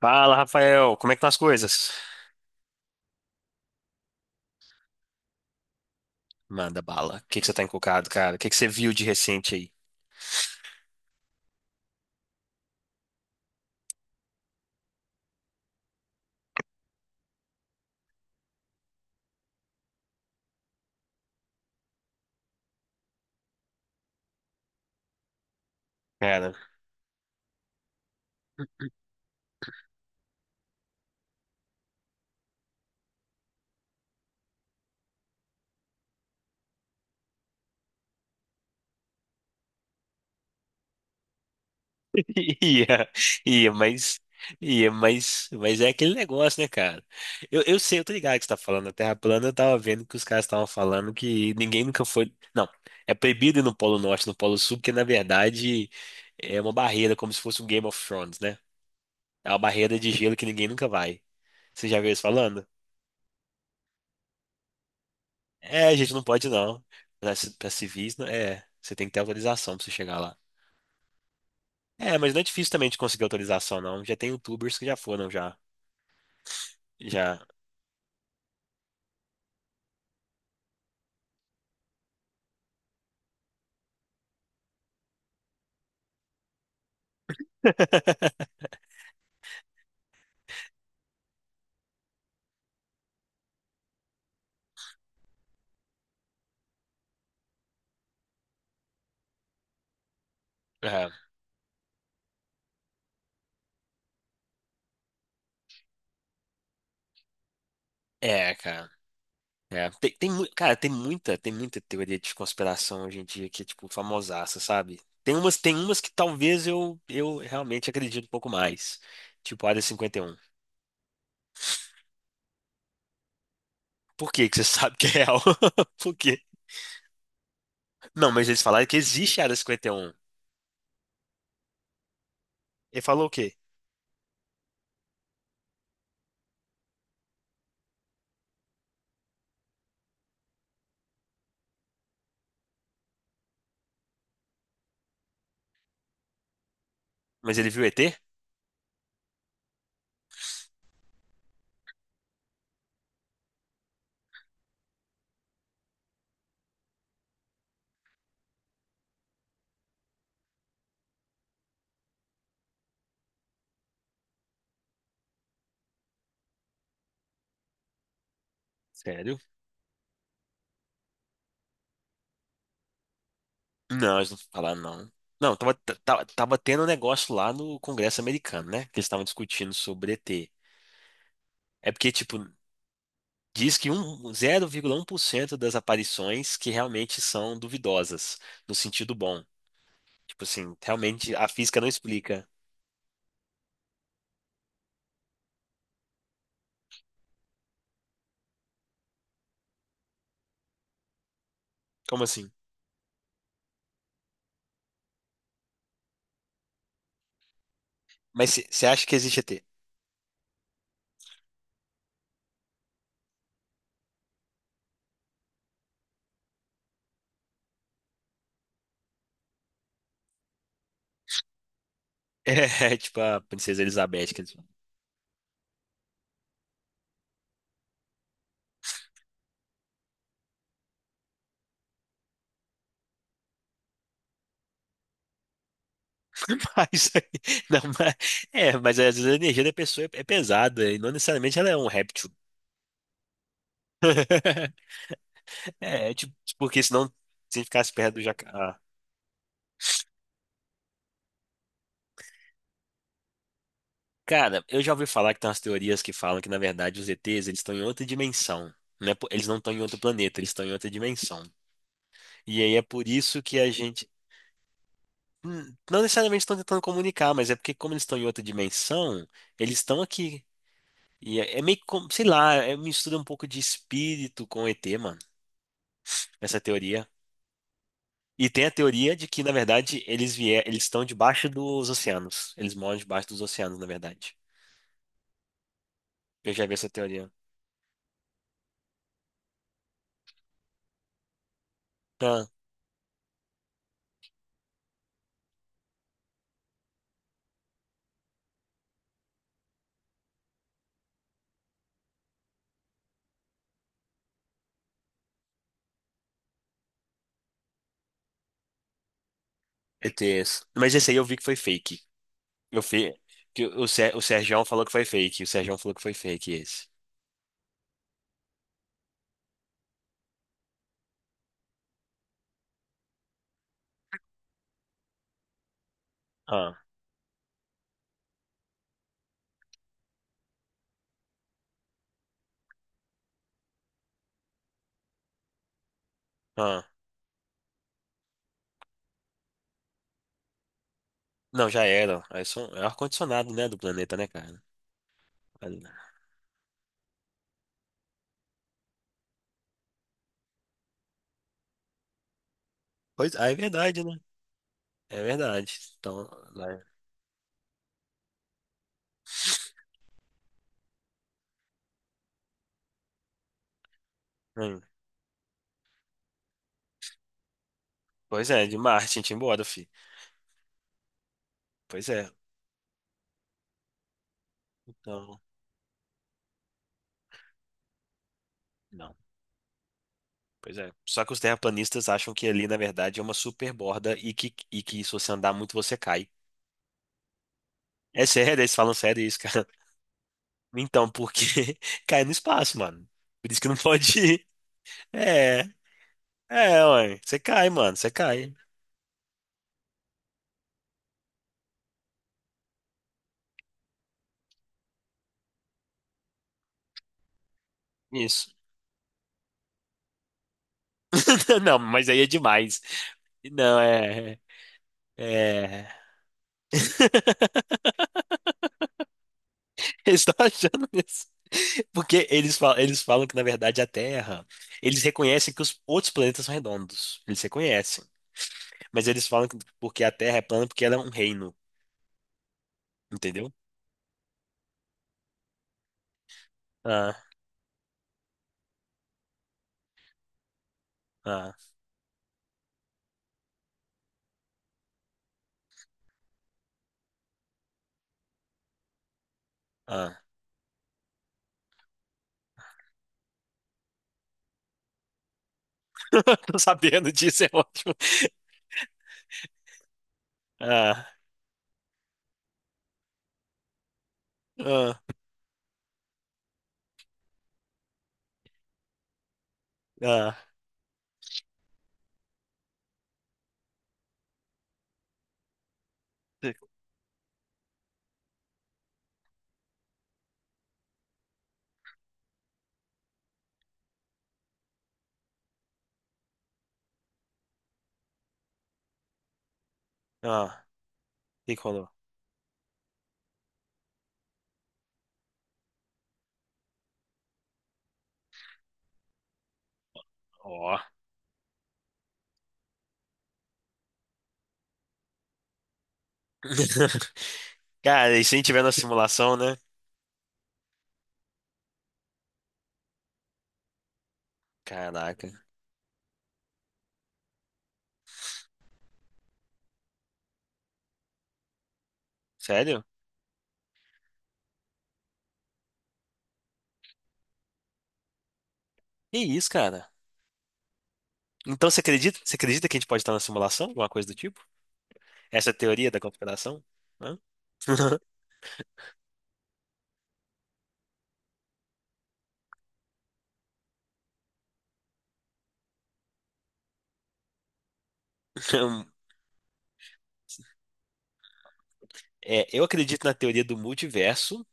Fala, Rafael, como é que estão as coisas? Manda bala. O que você tá encucado, cara? O que você viu de recente aí? Cara, ia, ia, mas, ia, mas, é aquele negócio, né, cara? Eu sei, eu tô ligado que você tá falando da Terra plana, eu tava vendo que os caras estavam falando que ninguém nunca foi. Não, é proibido ir no Polo Norte, no Polo Sul, porque na verdade é uma barreira, como se fosse um Game of Thrones, né? É uma barreira de gelo que ninguém nunca vai. Você já viu isso falando? É, a gente não pode não. Pra civis, é, você tem que ter autorização para você chegar lá. É, mas não é difícil também de conseguir autorização, não. Já tem youtubers que já foram, já. Já. É, é, cara. É, cara, tem muita teoria de conspiração hoje em dia que é, tipo, famosaça, sabe? Tem umas que talvez eu realmente acredito um pouco mais. Tipo, a Área 51. Por que que você sabe que é real? Por quê? Não, mas eles falaram que existe a Área 51. Ele falou o quê? Mas ele viu ET? Sério? Não, eles não falaram, não. Não, tava, tava tendo um negócio lá no Congresso americano, né? Que eles estavam discutindo sobre ET. É porque, tipo, diz que um, 0,1% das aparições que realmente são duvidosas, no sentido bom. Tipo assim, realmente a física não explica. Como assim? Mas você acha que existe ET? É, tipo a princesa Elizabeth, que eles falam. Mas, aí- não, mas, é, mas às vezes a energia da pessoa é, é pesada e não necessariamente ela é um réptil. É, é tipo, porque senão se ficasse perto do jacaré. Cara, eu já ouvi falar que tem umas teorias que falam que, na verdade, os ETs, eles estão em outra dimensão. Eles não estão em outro planeta, eles estão em outra dimensão. E aí é por isso que a gente. Não necessariamente estão tentando comunicar, mas é porque, como eles estão em outra dimensão, eles estão aqui. E é meio que, sei lá, é, mistura um pouco de espírito com ET, mano, essa teoria. E tem a teoria de que, na verdade, eles estão debaixo dos oceanos. Eles moram debaixo dos oceanos, na verdade. Eu já vi essa teoria. Ah, ETS. Mas esse aí eu vi que foi fake. Eu vi que o Serjão falou que foi fake. O Serjão falou que foi fake esse. Ah, ah. Não, já era. É ar-condicionado, né, do planeta, né, cara? Aí- Pois, ah, é verdade, né? É verdade. Então, lá- hum. Pois é, de Marte, a gente ia embora, fi. Pois é. Então, não. Pois é. Só que os terraplanistas acham que ali, na verdade, é uma super borda e que se você andar muito, você cai. É sério, eles falam sério isso, cara. Então, porque cai no espaço, mano. Por isso que não pode ir. É, é, ué. Você cai, mano, você cai. Isso. Não, mas aí é demais. Não, é. É. Eles estão achando isso. Porque eles falam que, na verdade, a Terra. Eles reconhecem que os outros planetas são redondos. Eles reconhecem. Mas eles falam que porque a Terra é plana porque ela é um reino. Entendeu? Ah, ah, ah. Tô sabendo disso, é ótimo. Ah, ah. Ah, ah, e colou. Ó. Cara, e se tiver na simulação, né? Caraca. Sério? Que isso, cara? Então você acredita? Você acredita que a gente pode estar na simulação? Alguma coisa do tipo? Essa é a teoria da conspiração? Hã? É, eu acredito na teoria do multiverso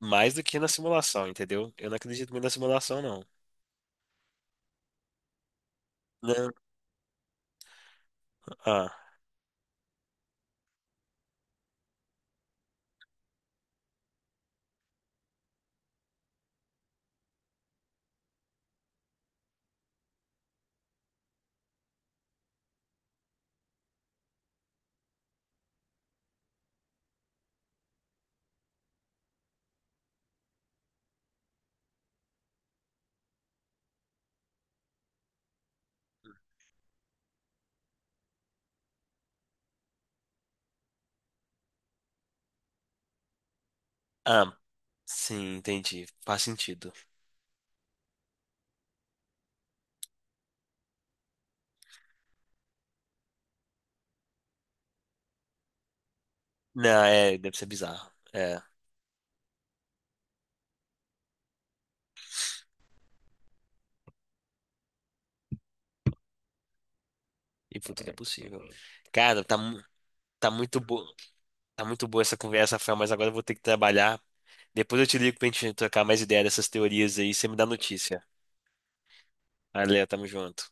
mais do que na simulação, entendeu? Eu não acredito muito na simulação, não. Não. Ah, ah, sim, entendi. Faz sentido. Não, é, deve ser bizarro. É, e tudo é possível. Cara, tá. Tá muito boa, tá muito boa essa conversa, Rafael, mas agora eu vou ter que trabalhar. Depois eu te ligo pra gente trocar mais ideia dessas teorias aí, você me dá notícia. Valeu, tamo junto.